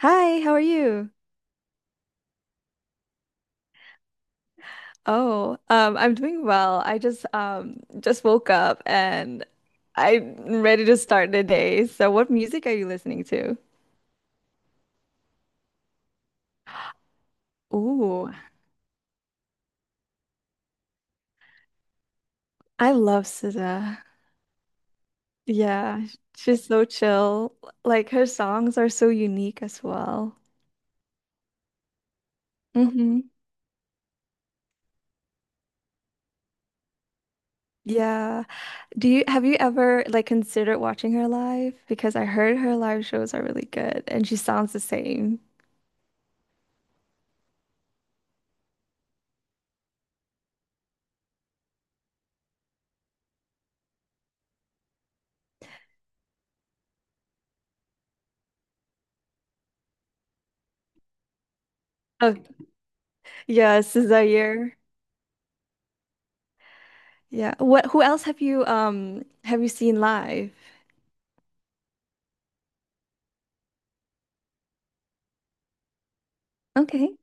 Hi, how are you? Oh, I'm doing well. I just woke up and I'm ready to start the day. So what music are you listening to? Ooh, I love SZA. Yeah, she's so chill. Like her songs are so unique as well. Mm-hmm. Yeah. Do you have you ever like considered watching her live? Because I heard her live shows are really good and she sounds the same. Oh, yeah, SZA year. Yeah. Who else have you seen live? Okay.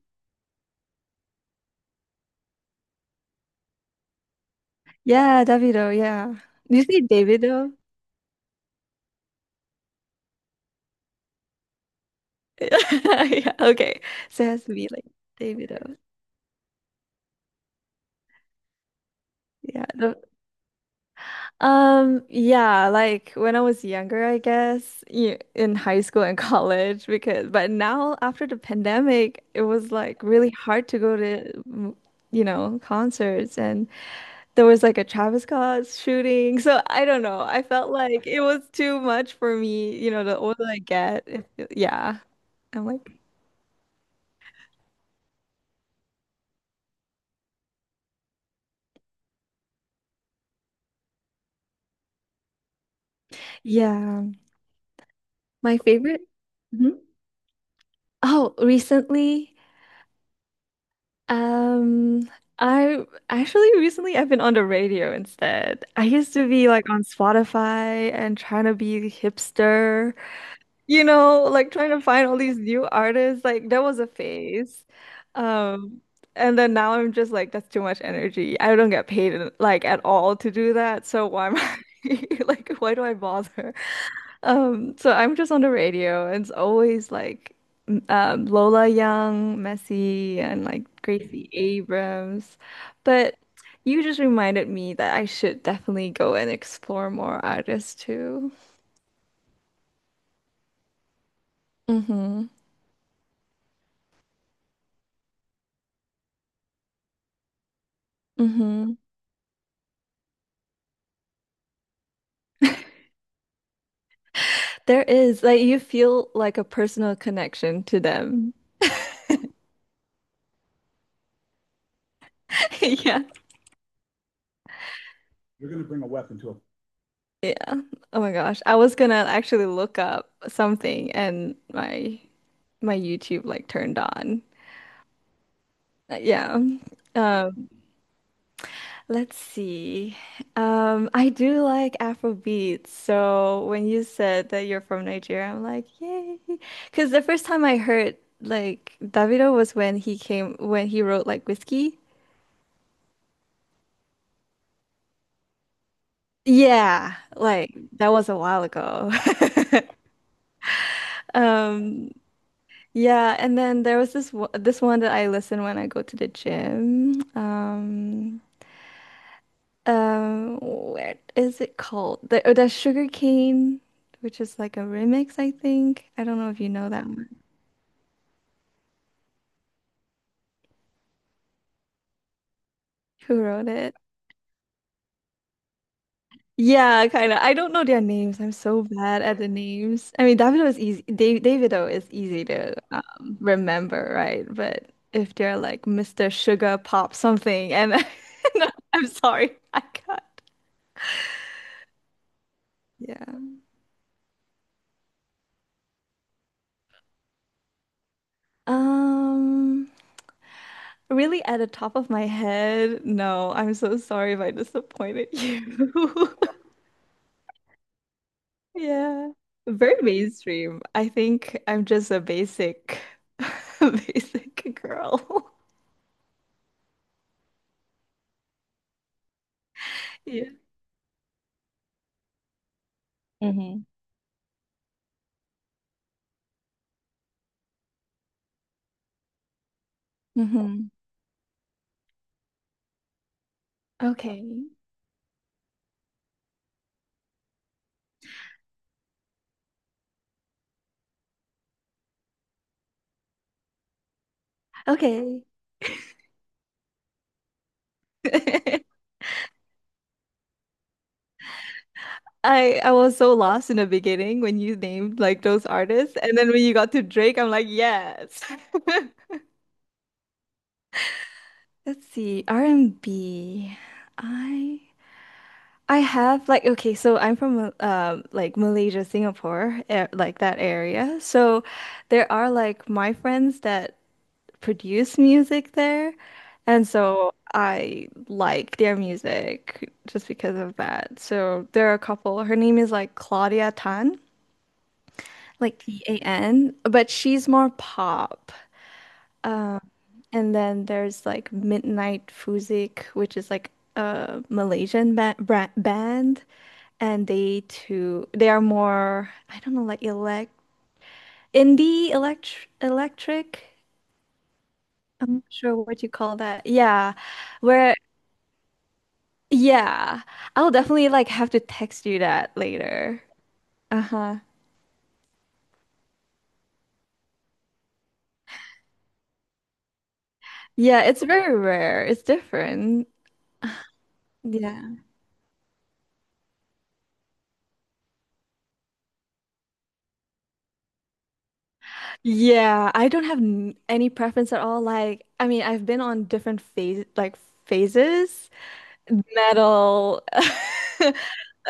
Yeah, Davido, yeah. Do you say Davido? Yeah, okay. So it has to be like Davido. Yeah. Yeah, like when I was younger, I guess, in high school and college, because but now after the pandemic, it was like really hard to go to, you know, concerts, and there was like a Travis Scott shooting. So I don't know. I felt like it was too much for me, you know, the older I get. Yeah. I'm like, yeah. My favorite. Mhm. Oh, recently, um, I actually recently I've been on the radio instead. I used to be like on Spotify and trying to be hipster. You know, like trying to find all these new artists. Like there was a phase. Um, and then now I'm just like, that's too much energy. I don't get paid like at all to do that. So why am I like, why do I bother? So I'm just on the radio, and it's always like Lola Young, Messi, and like Gracie Abrams. But you just reminded me that I should definitely go and explore more artists too. Mm-hmm. Mm-hmm. There is like you feel like a personal connection to them. Yeah. Yeah. Oh my gosh. I was gonna actually look up something, and my YouTube like turned on. Yeah. Um, let's see. I do like Afro beats. So when you said that you're from Nigeria, I'm like, yay. Because the first time I heard like Davido was when he wrote like Whiskey. Yeah, like that was a while ago. Um, yeah, and then there was this this one that I listen when I go to the gym. Where is it called? The Sugar Cane, which is like a remix, I think. I don't know if you know that one. Who wrote it? Yeah, kind of. I don't know their names. I'm so bad at the names. I mean, Davido is easy. Dave Davido is easy to remember, right? But if they're like Mr. Sugar Pop something, and no, I'm sorry, I can't. Yeah. Um, Really at the top of my head, no, I'm so sorry if I disappointed you. Yeah. Very mainstream. I think I'm just a basic, basic girl. Yeah. Mhm. Hmm. Okay. Okay. I was so lost in the beginning when you named like those artists, and then when you got to Drake, I'm like, yes. Let's see, R and B. I have like okay, so I'm from like Malaysia, Singapore, eh, like that area. So there are like my friends that produce music there. And so I like their music just because of that. So there are a couple. Her name is like Claudia Tan, like Tan, but she's more pop. Um, and then there's like Midnight Fuzik, which is like a Malaysian ba bra band, and they are more I don't know like elect indie electric. I'm not sure what you call that. Yeah. Where Yeah, I'll definitely like have to text you that later. Uh-huh. Yeah, it's very rare. It's different. Yeah. Yeah, I don't have n any preference at all. Like, I mean, I've been on different phases, metal,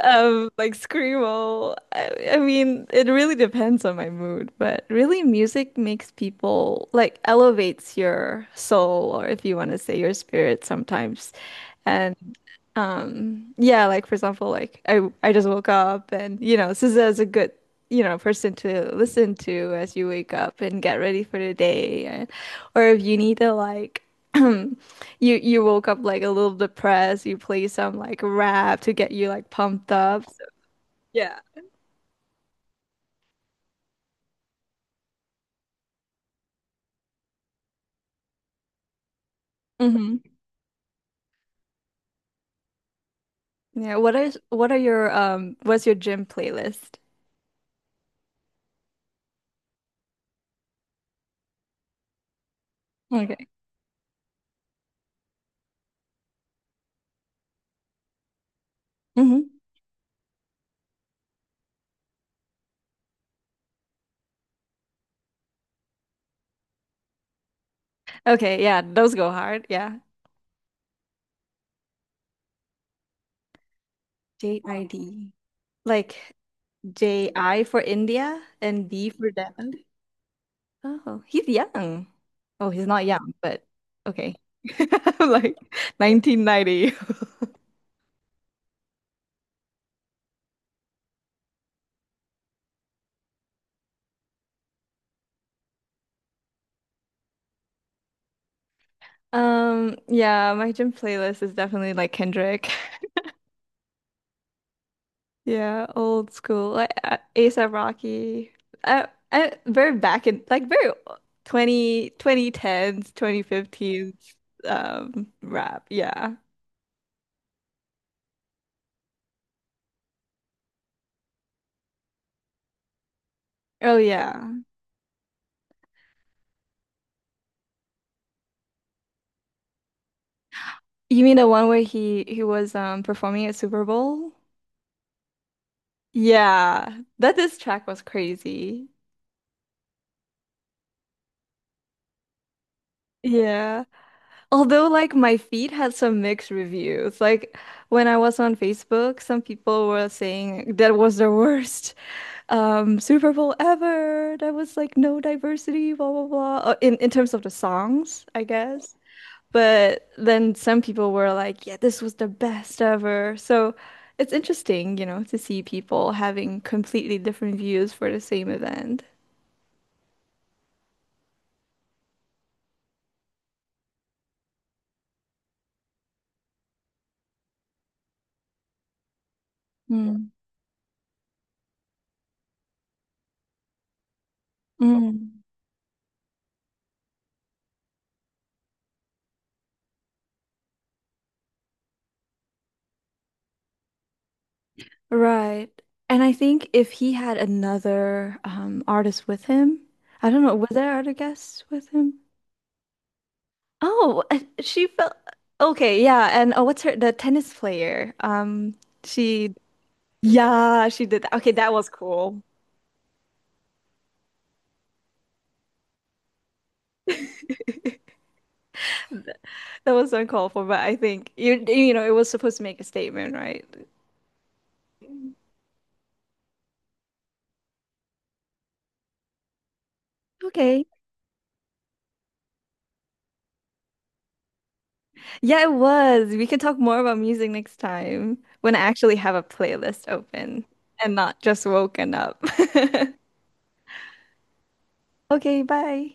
like screamo. I mean, it really depends on my mood, but really music makes people like elevates your soul or if you want to say your spirit sometimes. And yeah, like for example, like I just woke up, and you know, SZA is a good, you know, person to listen to as you wake up and get ready for the day and or if you need to like you you woke up like a little depressed, you play some like rap to get you like pumped up. Yeah. Hmm. Yeah. What are your what's your gym playlist? Okay. Hmm. Okay, yeah, those go hard. Yeah. JID. Like J I for India and D for Diamond. Oh, he's young. Oh, he's not young, but okay. Like 1990. Yeah, my gym playlist is definitely like Kendrick. Yeah, old school, like A$AP Rocky. Very back in like very twenty twenty 2010s, 2015s rap. Yeah. Oh yeah. You mean the one where he was performing at Super Bowl? Yeah, that this track was crazy. Yeah. Although like my feed had some mixed reviews. Like when I was on Facebook, some people were saying that was the worst Super Bowl ever. That was like no diversity, blah blah blah. In terms of the songs, I guess. But then some people were like, yeah, this was the best ever. So it's interesting, you know, to see people having completely different views for the same event. Mm. Mm. Right. And I think if he had another artist with him, I don't know, were there other guests with him? Oh, she felt Okay, yeah. And oh, what's her, the tennis player? She Yeah, she did that. Okay, that was cool. That was uncalled for, but I think you know, it was supposed to make a statement, right? Okay. Yeah, it was. We can talk more about music next time when I actually have a playlist open and not just woken up. Okay, bye.